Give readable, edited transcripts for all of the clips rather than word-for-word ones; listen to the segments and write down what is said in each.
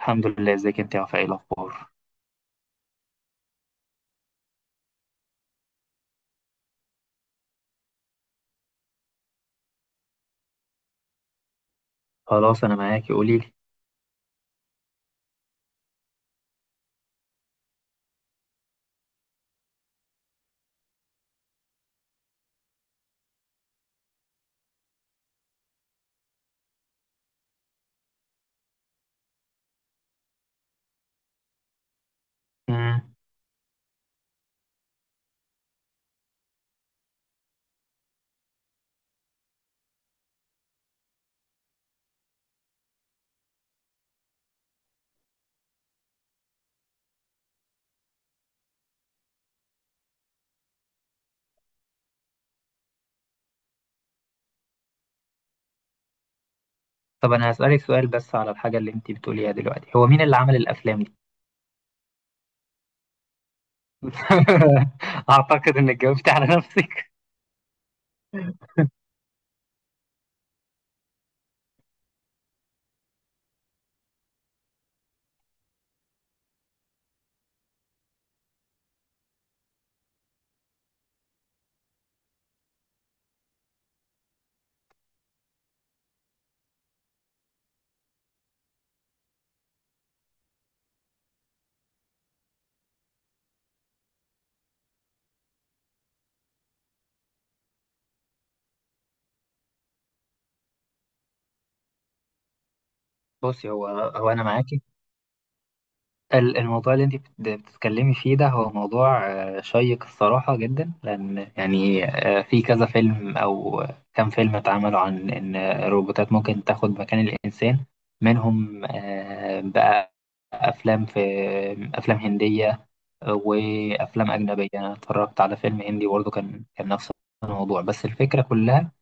الحمد لله، ازيك انت يا وفاء؟ ايه الاخبار؟ خلاص انا معاكي، قولي لي. مم. طب انا هسألك سؤال بس على الحاجة اللي انت بتقوليها دلوقتي، هو مين اللي عمل الافلام دي؟ اعتقد انك جاوبت على نفسك. بصي، هو انا معاكي. الموضوع اللي انت بتتكلمي فيه ده هو موضوع شيق الصراحة جدا، لان يعني في كذا فيلم او كام فيلم اتعملوا عن ان الروبوتات ممكن تاخد مكان الانسان. منهم أفلام، في أفلام هندية وأفلام أجنبية. أنا اتفرجت على فيلم هندي برضه، كان نفس الموضوع، بس الفكرة كلها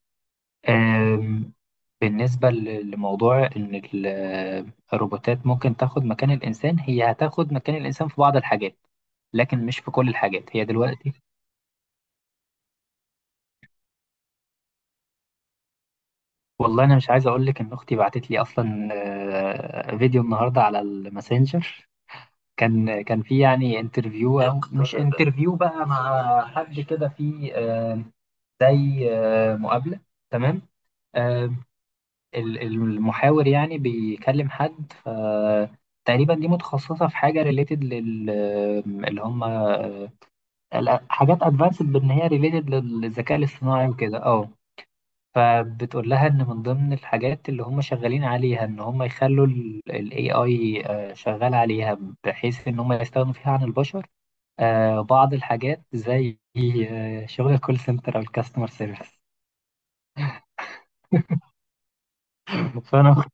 آم، بالنسبة لموضوع إن الروبوتات ممكن تاخد مكان الإنسان، هي هتاخد مكان الإنسان في بعض الحاجات لكن مش في كل الحاجات. هي دلوقتي والله، أنا مش عايز أقول لك إن أختي بعتت لي أصلا فيديو النهاردة على الماسنجر. كان في يعني انترفيو أو مش انترفيو بقى، مع حد كده، في زي مقابلة، تمام. آه، المحاور يعني بيكلم حد، ف تقريبا دي متخصصة في حاجة ريليتد لل اللي هم حاجات ادفانسد، بان هي ريليتد للذكاء الاصطناعي وكده. اه، فبتقول لها ان من ضمن الحاجات اللي هم شغالين عليها ان هم يخلوا الاي اي شغال عليها، بحيث ان هم يستغنوا فيها عن البشر. بعض الحاجات زي شغل الكول سنتر او الكاستمر سيرفيس. فانا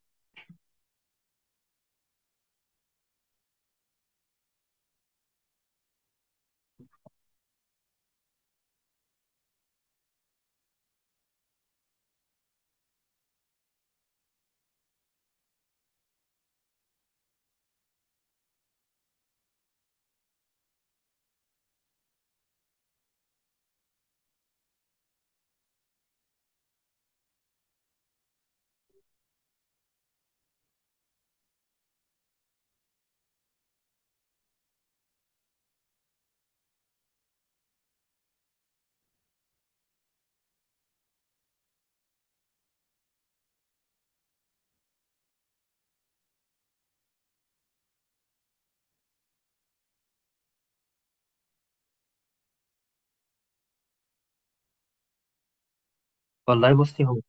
والله، بصي هو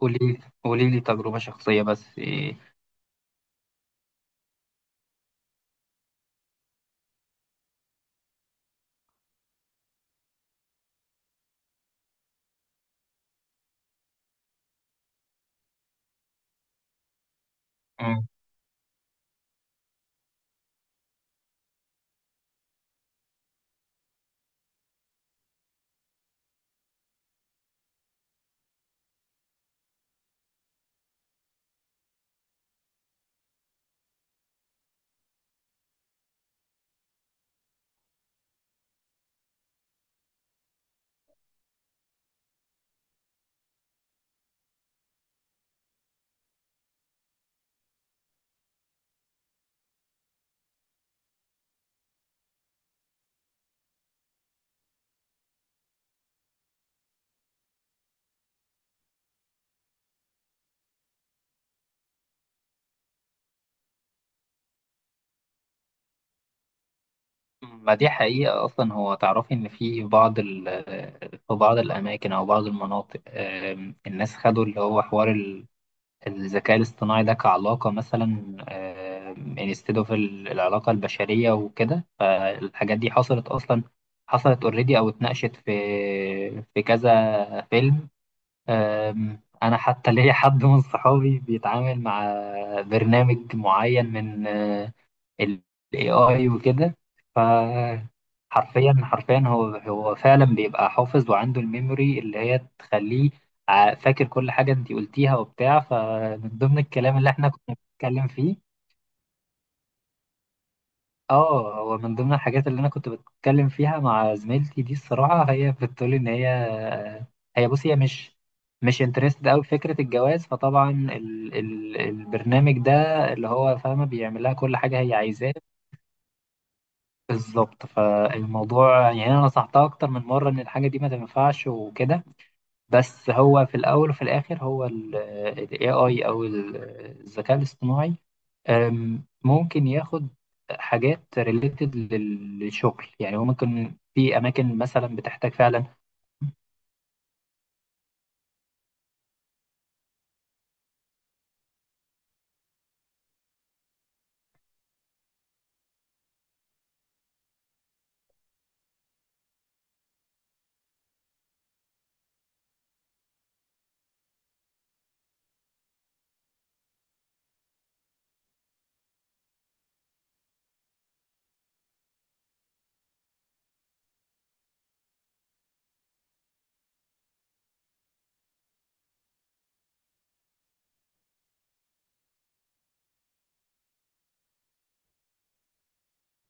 قولي قولي لي تجربة شخصية بس إيه؟ مم. ما دي حقيقة أصلا. هو تعرفي إن في بعض ال في بعض الأماكن أو بعض المناطق الناس خدوا اللي هو حوار الذكاء الاصطناعي ده كعلاقة، مثلا انستد اوف العلاقة البشرية وكده. فالحاجات دي حصلت أصلا، حصلت اوريدي أو اتناقشت في في كذا فيلم. أنا حتى ليا حد من صحابي بيتعامل مع برنامج معين من ال AI وكده. فحرفيا حرفيا، هو فعلا بيبقى حافظ، وعنده الميموري اللي هي تخليه فاكر كل حاجة انتي قلتيها وبتاع. فمن ضمن الكلام اللي احنا كنا بنتكلم فيه، اه، هو من ضمن الحاجات اللي انا كنت بتكلم فيها مع زميلتي دي، الصراحه هي بتقول ان هي بص هي مش انترستد قوي بفكره الجواز. فطبعا البرنامج ده اللي هو فاهمه بيعمل لها كل حاجه هي عايزاه. بالظبط، فالموضوع يعني انا نصحتها اكتر من مره ان الحاجه دي ما تنفعش وكده. بس هو في الأول وفي الآخر هو ال AI أو الذكاء الاصطناعي، ممكن ياخد حاجات ريليتد للشغل. يعني هو ممكن في أماكن مثلا بتحتاج فعلا.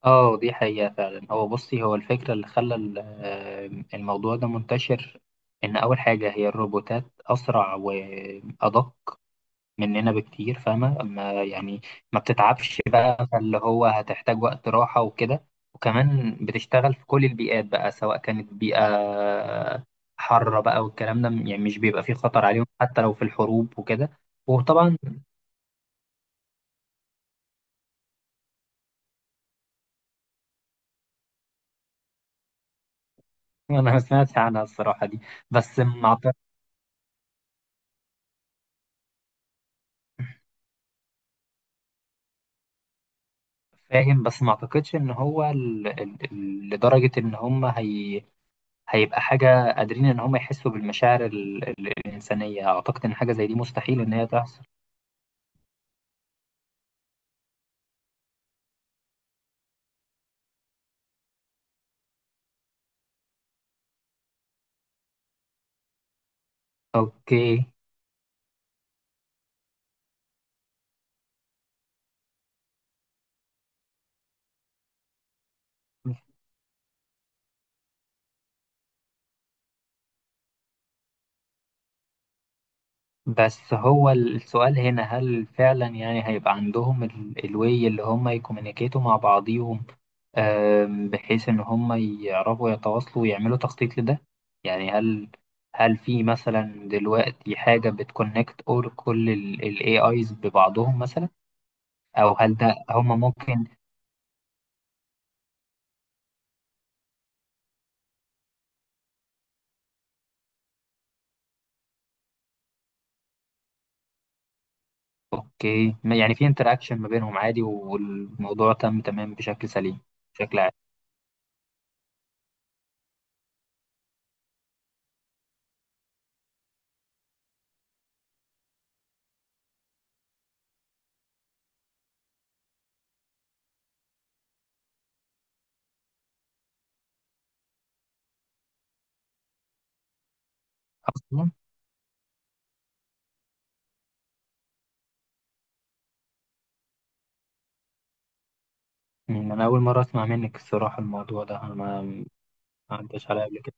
اه دي حقيقة فعلا. هو بصي، هو الفكرة اللي خلى ال- أم، الموضوع ده منتشر، إن أول حاجة هي الروبوتات أسرع وأدق مننا بكتير، فاهمة ما يعني. ما بتتعبش بقى، فاللي هو هتحتاج وقت راحة وكده. وكمان بتشتغل في كل البيئات بقى، سواء كانت بيئة حارة بقى والكلام ده، يعني مش بيبقى فيه خطر عليهم حتى لو في الحروب وكده. وطبعا أنا ما سمعتش عنها الصراحة دي. بس ما أعت- فاهم، بس ما أعتقدش إن هو لدرجة إن هيبقى حاجة قادرين إن هم يحسوا بالمشاعر الإنسانية. أعتقد إن حاجة زي دي مستحيل إن هي تحصل. أوكي. بس هو السؤال هنا، هل فعلا يعني هيبقى عندهم الوي اللي هم يكومينيكيتوا مع بعضيهم، بحيث ان هم يعرفوا يتواصلوا ويعملوا تخطيط لده؟ يعني هل، هل في مثلا دلوقتي حاجة بتكونكت اور كل الاي ايز ببعضهم مثلا، او هل ده هم ممكن؟ اوكي، يعني في انتراكشن ما بينهم عادي، والموضوع تم تمام بشكل سليم، بشكل عادي. اصلا مم، انا اول مرة اسمع منك الصراحة الموضوع ده، انا ما عداش عليا قبل كده.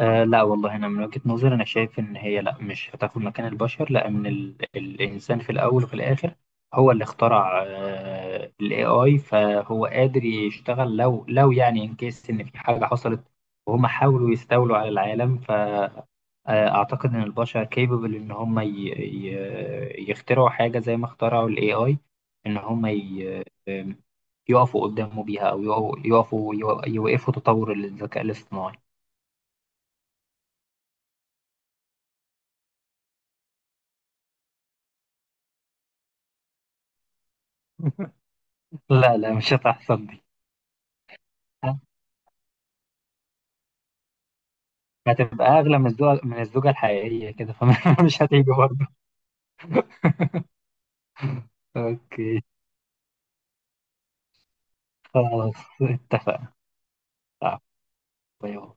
آه لا والله، انا من وجهة نظري انا شايف ان هي لا، مش هتاخد مكان البشر، لان الانسان في الاول وفي الاخر هو اللي اخترع آه الاي اي، فهو قادر يشتغل لو يعني ان كيس ان في حاجة حصلت وهم حاولوا يستولوا على العالم. ف اعتقد ان البشر كيبل ان هم يخترعوا حاجة زي ما اخترعوا الاي اي، ان يقفوا قدامه بيها، او يقفوا يقفوا يوقفوا تطور الذكاء الاصطناعي. لا، مش هتحصل دي. هتبقى أغلى من الزوجة، من الزوجة الحقيقية كده، فمش هتيجي برضه. أوكي، خلاص، اتفقنا. آه، باي باي.